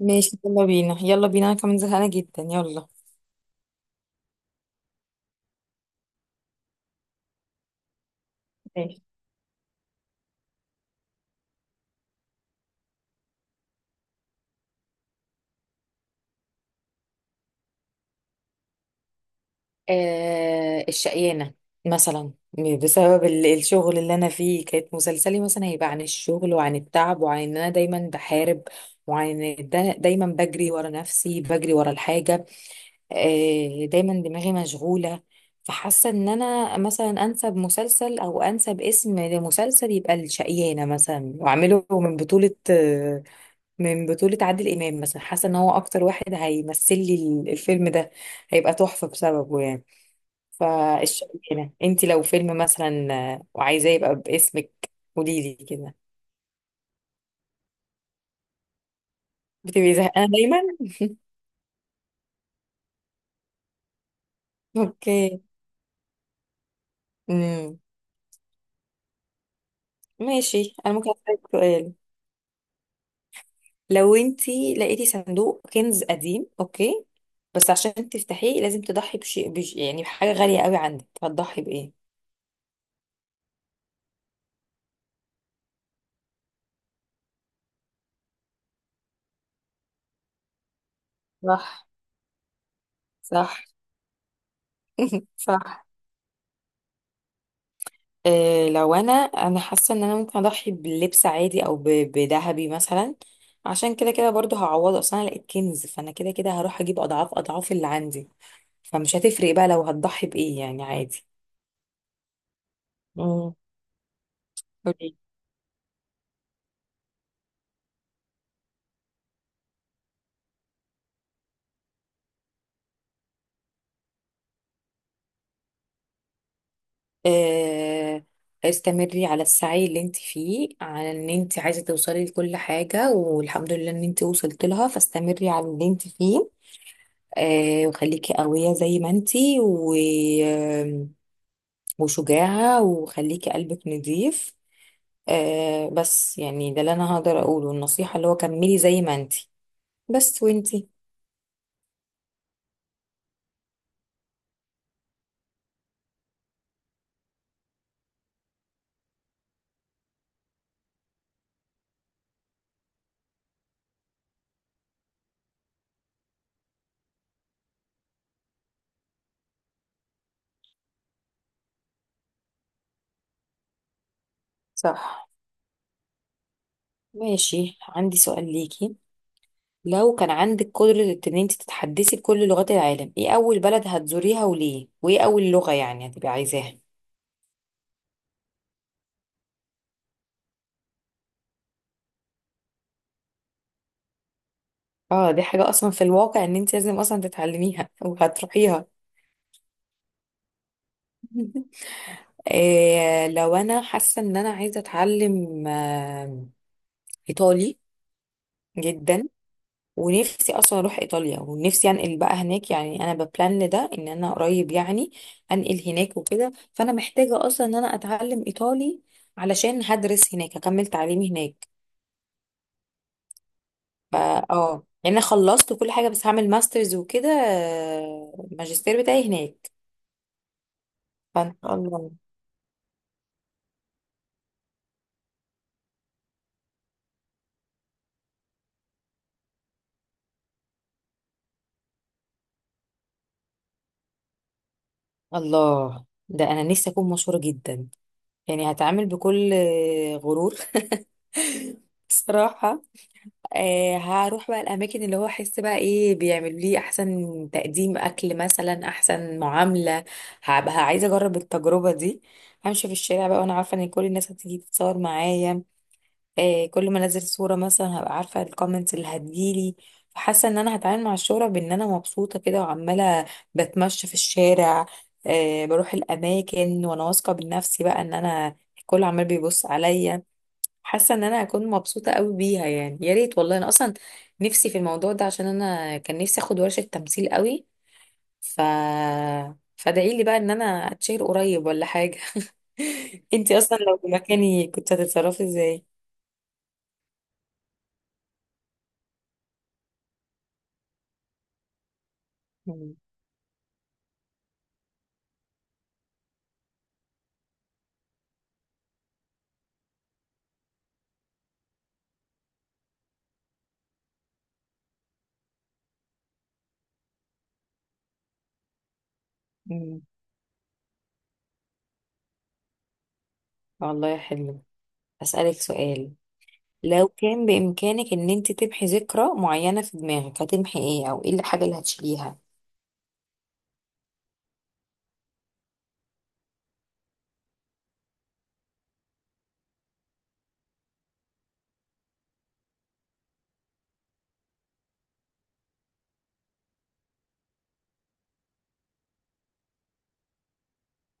ماشي، يلا بينا يلا بينا، انا كمان زهقانه جدا، يلا. ماشي. آه الشقيانة مثلا. بسبب الشغل اللي انا فيه، كانت مسلسلي مثلا هيبقى عن الشغل وعن التعب وعن ان انا دايما بحارب، وعن ان دايما بجري ورا نفسي، بجري ورا الحاجه. دايما دماغي مشغوله. فحاسه ان انا مثلا انسب مسلسل او انسب اسم لمسلسل يبقى الشقيانه مثلا، واعمله من بطوله، من بطولة عادل إمام مثلا. حاسة إن هو أكتر واحد هيمثل لي الفيلم ده، هيبقى تحفة بسببه يعني. فالشغلانة، أنت لو فيلم مثلا، وعايزاه يبقى باسمك، قولي لي كده. بتبقي زهقانة دايما. أوكي. امم. ماشي، أنا ممكن أسألك سؤال؟ لو أنت لقيتي صندوق كنز قديم، أوكي، بس عشان تفتحيه لازم تضحي بشيء، يعني بحاجة غالية قوي عندك، هتضحي بإيه؟ صح. صح. صح. لو انا حاسه ان انا ممكن اضحي بلبس عادي او بذهبي مثلا، عشان كده كده برضو هعوض، اصلا انا لقيت كنز فانا كده كده هروح اجيب اضعاف اضعاف اللي عندي، فمش هتفرق بقى لو هتضحي بايه، يعني عادي. مم. قولي. آه، استمري على السعي اللي انت فيه، على ان انت عايزه توصلي لكل حاجه، والحمد لله ان انت وصلت لها، فاستمري على اللي انت فيه. وخليكي قويه زي ما انت، و وشجاعة، وخليكي قلبك نضيف. آه بس يعني ده اللي انا هقدر اقوله، النصيحة اللي هو كملي زي ما انتي بس، وانتي. صح. ماشي، عندي سؤال ليكي. لو كان عندك قدرة ان انتي تتحدثي بكل لغات العالم، ايه اول بلد هتزوريها وليه، وايه اول لغة يعني هتبقي عايزاها؟ اه دي حاجة اصلا في الواقع ان انتي لازم اصلا تتعلميها وهتروحيها. لو انا حاسة ان انا عايزة اتعلم، ايطالي جدا، ونفسي اصلا اروح ايطاليا، ونفسي انقل بقى هناك. يعني انا ببلان ده ان انا قريب يعني انقل هناك وكده، فانا محتاجه اصلا ان انا اتعلم ايطالي، علشان هدرس هناك، هكمل تعليمي هناك. فا اه يعني انا خلصت كل حاجه، بس هعمل ماسترز وكده. الماجستير بتاعي هناك. فان شاء الله. الله، ده انا نفسي اكون مشهوره جدا. يعني هتعامل بكل، غرور. صراحه. هروح بقى الاماكن اللي هو احس بقى ايه بيعملوا لي احسن تقديم اكل مثلا، احسن معامله. هبقى عايزه اجرب التجربه دي. همشي في الشارع بقى وانا عارفه ان كل الناس هتيجي تتصور معايا. كل ما انزل صوره مثلا، هبقى عارفه الكومنتس اللي هتجيلي. فحاسه ان انا هتعامل مع الشهره بان انا مبسوطه كده، وعماله بتمشى في الشارع. بروح الاماكن وانا واثقه بنفسي بقى، ان انا الكل عمال بيبص عليا. حاسه ان انا هكون مبسوطه قوي بيها، يعني يا ريت والله، انا اصلا نفسي في الموضوع ده، عشان انا كان نفسي اخد ورشه تمثيل قوي. ف فادعي لي بقى ان انا اتشهر قريب ولا حاجه. انتي اصلا لو في مكاني كنت هتتصرفي ازاي؟ مم. مم. والله حلو. اسالك سؤال. لو كان بامكانك ان انت تمحي ذكرى معينه في دماغك، هتمحي ايه، او ايه الحاجه اللي هتشيليها؟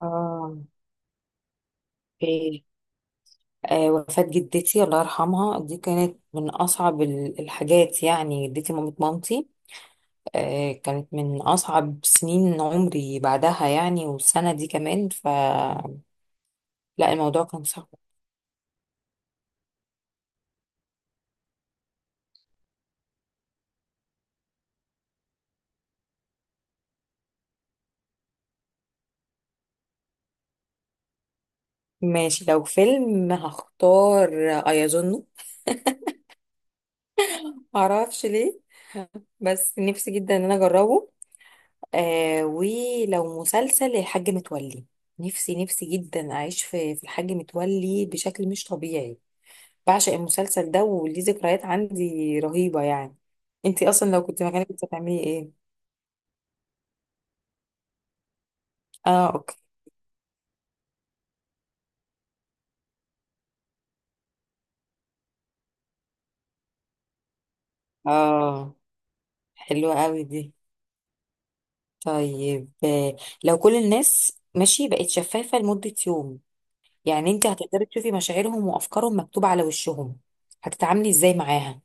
اه اوكي. وفاة جدتي الله يرحمها، دي كانت من أصعب الحاجات، يعني جدتي مامة مامتي. كانت من أصعب سنين عمري بعدها يعني، والسنة دي كمان، فلا، الموضوع كان صعب. ماشي، لو فيلم هختار أيظنه، معرفش ليه بس نفسي جدا إن أنا أجربه. ولو مسلسل، الحاج متولي. نفسي نفسي جدا أعيش في الحاج متولي بشكل مش طبيعي. بعشق المسلسل ده وليه ذكريات عندي رهيبة يعني. انتي اصلا لو كنت مكانك كنت هتعملي ايه؟ اه اوكي. اه حلوة قوي دي. طيب، لو كل الناس ماشي بقت شفافة لمدة يوم، يعني انتي هتقدري تشوفي مشاعرهم وافكارهم مكتوبة على وشهم، هتتعاملي ازاي معاها؟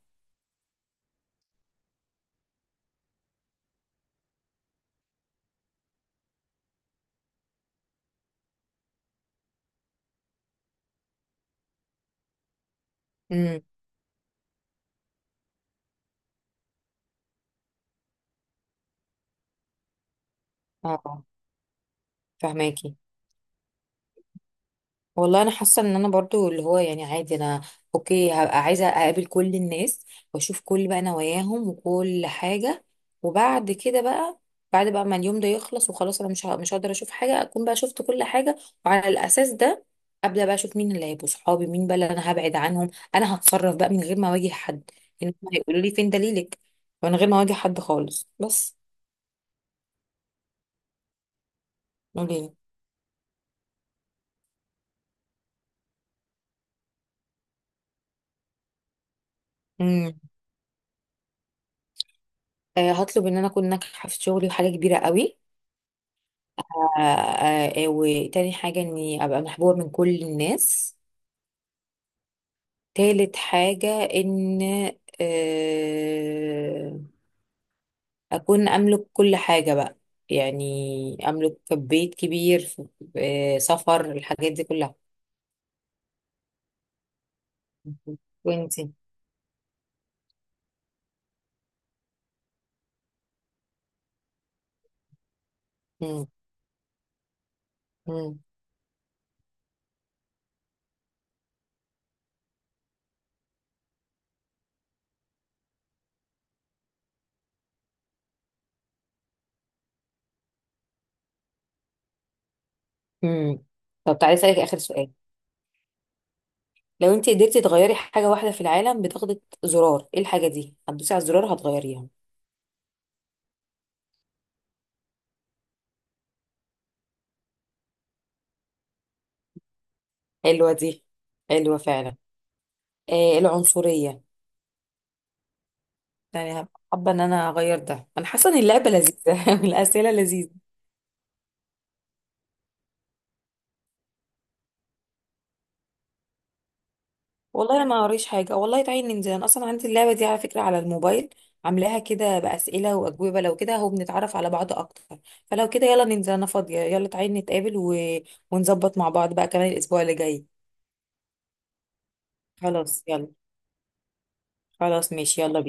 امم. اه فهماكي. والله انا حاسه ان انا برضو اللي هو يعني عادي انا. اوكي، هبقى عايزه اقابل كل الناس واشوف كل بقى نواياهم وكل حاجه، وبعد كده بقى، بعد بقى ما اليوم ده يخلص وخلاص، انا مش مش هقدر اشوف حاجه، اكون بقى شفت كل حاجه، وعلى الاساس ده ابدا بقى اشوف مين اللي هيبقوا صحابي، مين بقى اللي انا هبعد عنهم. انا هتصرف بقى من غير ما اواجه حد. يعني هم هيقولوا لي فين دليلك، من غير ما اواجه حد خالص بس. قولي لي. امم. هطلب ان انا اكون ناجحه في شغلي وحاجه كبيره قوي. وتاني حاجة اني ابقى محبوبة من كل الناس. تالت حاجة ان، آه، اكون املك كل حاجة بقى، يعني املك بيت كبير. سفر، الحاجات دي كلها. وانتي. مم. مم. مم. طب، تعالي اسألك اخر سؤال. لو انتي قدرتي تغيري حاجة واحدة في العالم، بتاخدي زرار، ايه الحاجة دي هتدوسي على الزرار هتغيريها؟ حلوة دي. حلوة فعلا. العنصرية. يعني هبقى حابه ان انا اغير ده، انا حاسه ان اللعبه لذيذه والاسئله لذيذه. والله انا ما قريش حاجه والله، تعالي ننزل. انا اصلا عندي اللعبه دي على فكره على الموبايل، عاملاها كده باسئله واجوبه. لو كده هو بنتعرف على بعض اكتر. فلو كده يلا ننزل، انا فاضيه، يلا تعالي نتقابل ونظبط مع بعض بقى كمان الاسبوع اللي جاي. خلاص يلا. خلاص ماشي، يلا بينا.